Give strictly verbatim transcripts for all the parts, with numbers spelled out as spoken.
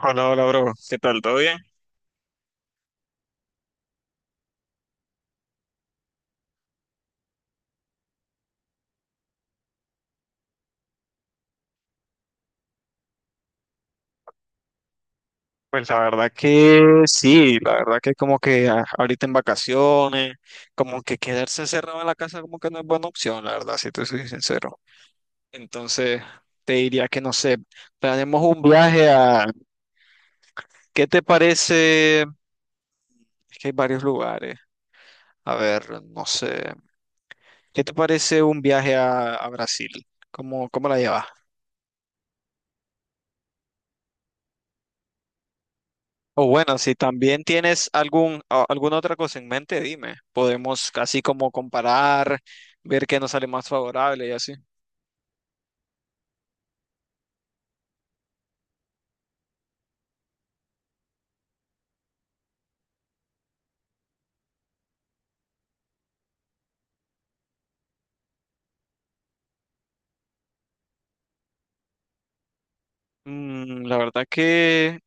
Hola, hola, bro. ¿Qué tal? ¿Todo bien? Pues la verdad que sí, la verdad que como que a- ahorita en vacaciones, como que quedarse cerrado en la casa como que no es buena opción, la verdad, si te soy sincero. Entonces, te diría que no sé, planeemos un viaje a, ¿qué te parece? Es que hay varios lugares. A ver, no sé. ¿Qué te parece un viaje a, a Brasil? ¿Cómo, cómo la llevas? O bueno, si también tienes algún, a- alguna otra cosa en mente, dime. Podemos así como comparar, ver qué nos sale más favorable y así. Mm, la verdad que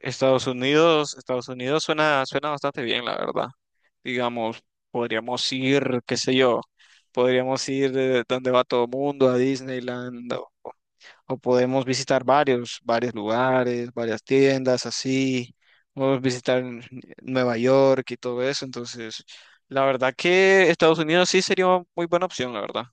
Estados Unidos, Estados Unidos suena, suena bastante bien, la verdad. Digamos, podríamos ir, qué sé yo, podríamos ir de donde va todo el mundo, a Disneyland o podemos visitar varios, varios lugares, varias tiendas, así, podemos visitar Nueva York y todo eso, entonces, la verdad que Estados Unidos sí sería una muy buena opción, la verdad.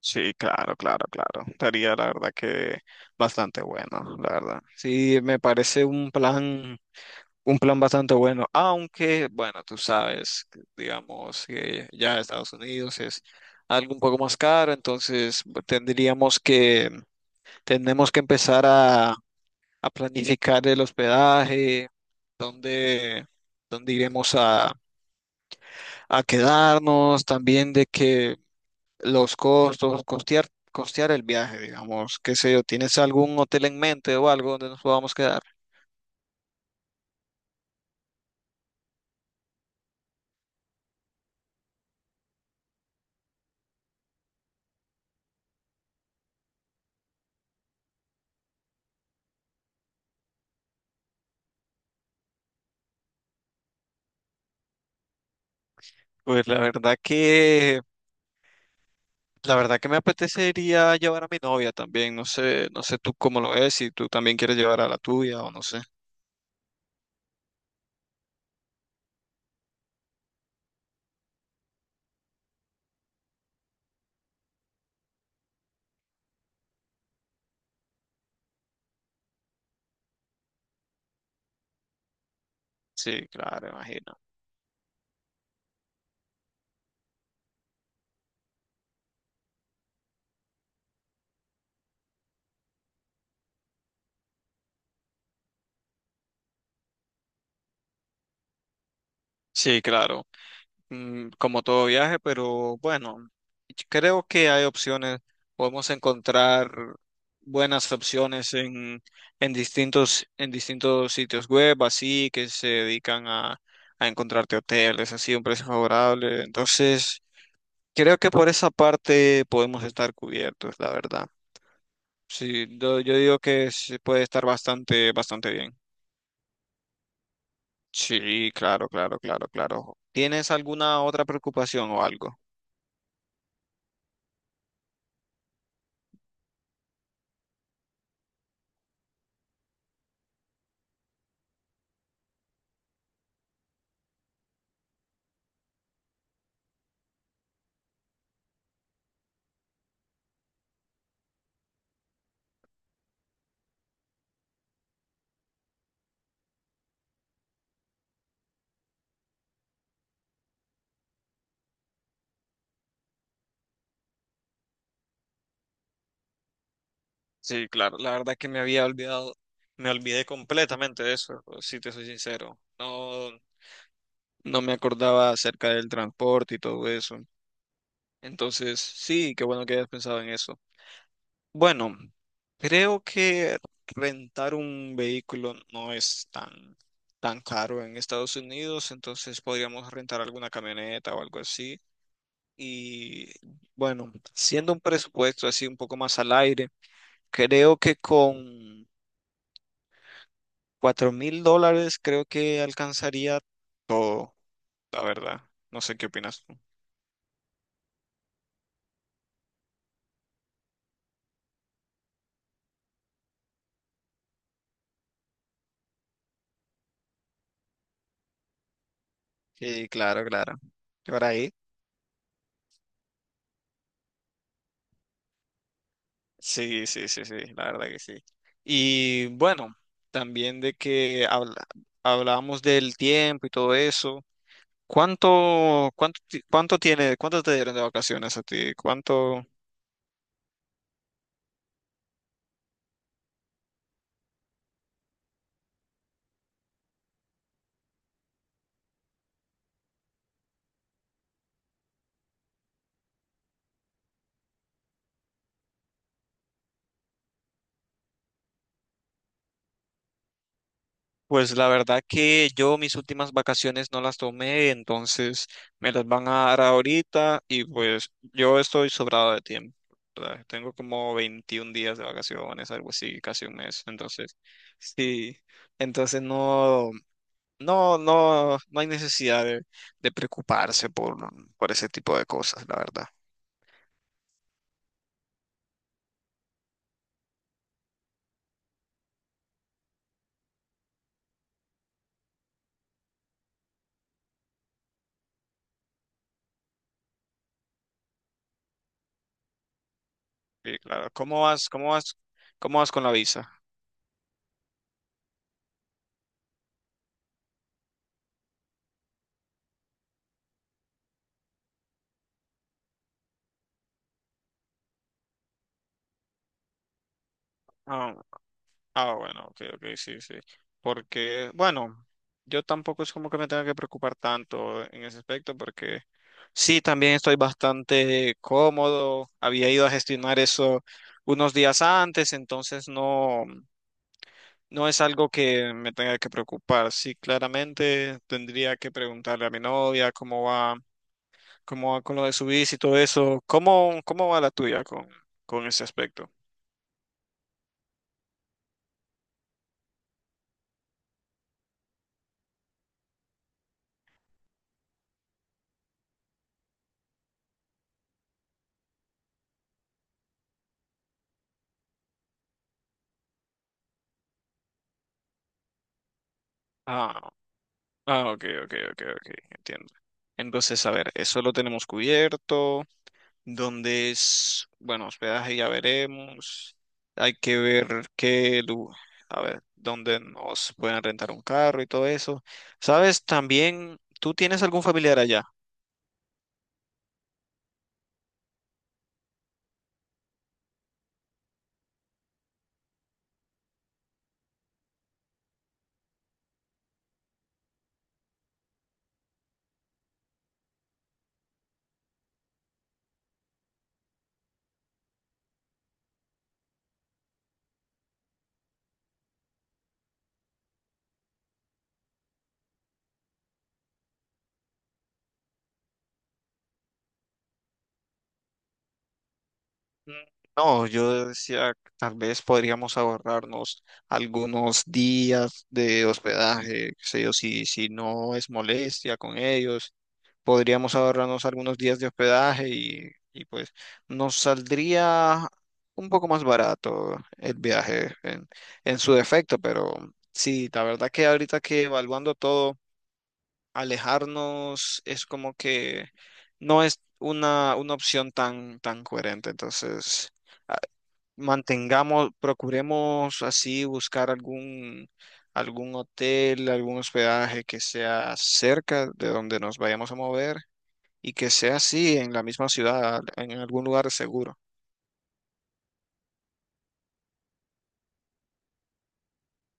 Sí, claro, claro, claro. Estaría, la verdad que bastante bueno, la verdad. Sí, me parece un plan, un plan bastante bueno, aunque, bueno, tú sabes, que, digamos que ya Estados Unidos es algo un poco más caro, entonces bu- tendríamos que tenemos que empezar a, a planificar el hospedaje, dónde, dónde iremos a, a quedarnos, también de que los costos, costear, costear el viaje, digamos, qué sé yo, ¿tienes algún hotel en mente o algo donde nos podamos quedar? Pues la verdad que, la verdad que me apetecería llevar a mi novia también, no sé, no sé tú cómo lo ves, si tú también quieres llevar a la tuya o no sé. Sí, claro, imagino. Sí, claro. Mm, como todo viaje, pero bueno, creo que hay opciones, podemos encontrar buenas opciones en, en distintos, en distintos sitios web, así que se dedican a, a encontrarte hoteles, así a un precio favorable. Entonces, creo que por esa parte podemos estar cubiertos, la verdad. Sí, yo, yo digo que se puede estar bastante, bastante bien. Sí, claro, claro, claro, claro. ¿Tienes alguna otra preocupación o algo? Sí, claro, la verdad que me había olvidado, me olvidé completamente de eso, si te soy sincero. No, no me acordaba acerca del transporte y todo eso. Entonces, sí, qué bueno que hayas pensado en eso. Bueno, creo que rentar un vehículo no es tan, tan caro en Estados Unidos, entonces podríamos rentar alguna camioneta o algo así. Y bueno, siendo un presupuesto así un poco más al aire, creo que con cuatro mil dólares creo que alcanzaría todo, la verdad. No sé qué opinas tú. Sí, claro, claro. Por ahí. Sí, sí, sí, sí, la verdad que sí. Y bueno, también de que habla- hablábamos del tiempo y todo eso. ¿Cuánto, cuánto, ti- cuánto tiene, cuánto te dieron de vacaciones a ti? ¿Cuánto? Pues la verdad que yo mis últimas vacaciones no las tomé, entonces me las van a dar ahorita y pues yo estoy sobrado de tiempo. ¿Verdad? Tengo como veintiún días de vacaciones, algo así, casi un mes. Entonces, sí, entonces no, no, no, no hay necesidad de, de preocuparse por, por ese tipo de cosas, la verdad. Sí, claro. ¿Cómo vas, cómo vas, cómo vas con la visa? Ah, ah, bueno, ok, ok, sí, sí. Porque, bueno, yo tampoco es como que me tenga que preocupar tanto en ese aspecto, porque sí, también estoy bastante cómodo. Había ido a gestionar eso unos días antes, entonces no, no es algo que me tenga que preocupar. Sí, claramente tendría que preguntarle a mi novia cómo va, cómo va con lo de su bici y todo eso. ¿Cómo, cómo va la tuya con, con ese aspecto? Ah. Ah, ok, ok, ok, ok, entiendo. Entonces, a ver, eso lo tenemos cubierto. ¿Dónde es? Bueno, hospedaje ya veremos. Hay que ver qué, lu- a ver, dónde nos pueden rentar un carro y todo eso. ¿Sabes? También, ¿tú tienes algún familiar allá? Mm, No, yo decía, tal vez podríamos ahorrarnos algunos días de hospedaje, qué sé yo, si, si no es molestia con ellos. Podríamos ahorrarnos algunos días de hospedaje y, y, pues nos saldría un poco más barato el viaje en, en su defecto, pero sí, la verdad que ahorita que evaluando todo, alejarnos es como que no es una, una opción tan, tan coherente, entonces ah, mantengamos, procuremos así buscar algún... algún hotel, algún hospedaje que sea cerca de donde nos vayamos a mover y que sea así en la misma ciudad, en algún lugar seguro.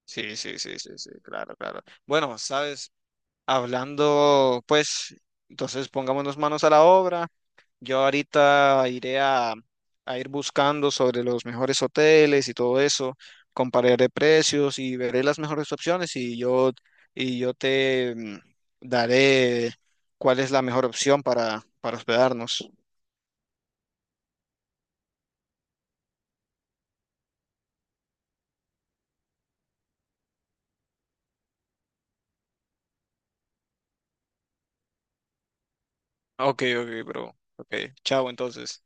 Sí, sí, sí, sí, sí, claro, claro. Bueno, sabes, hablando, pues, entonces pongámonos manos a la obra. Yo ahorita iré a, a ir buscando sobre los mejores hoteles y todo eso, compararé precios y veré las mejores opciones y yo, y yo te mm, daré cuál es la mejor opción para, para hospedarnos. Ok, ok, bro. Ok, chao entonces.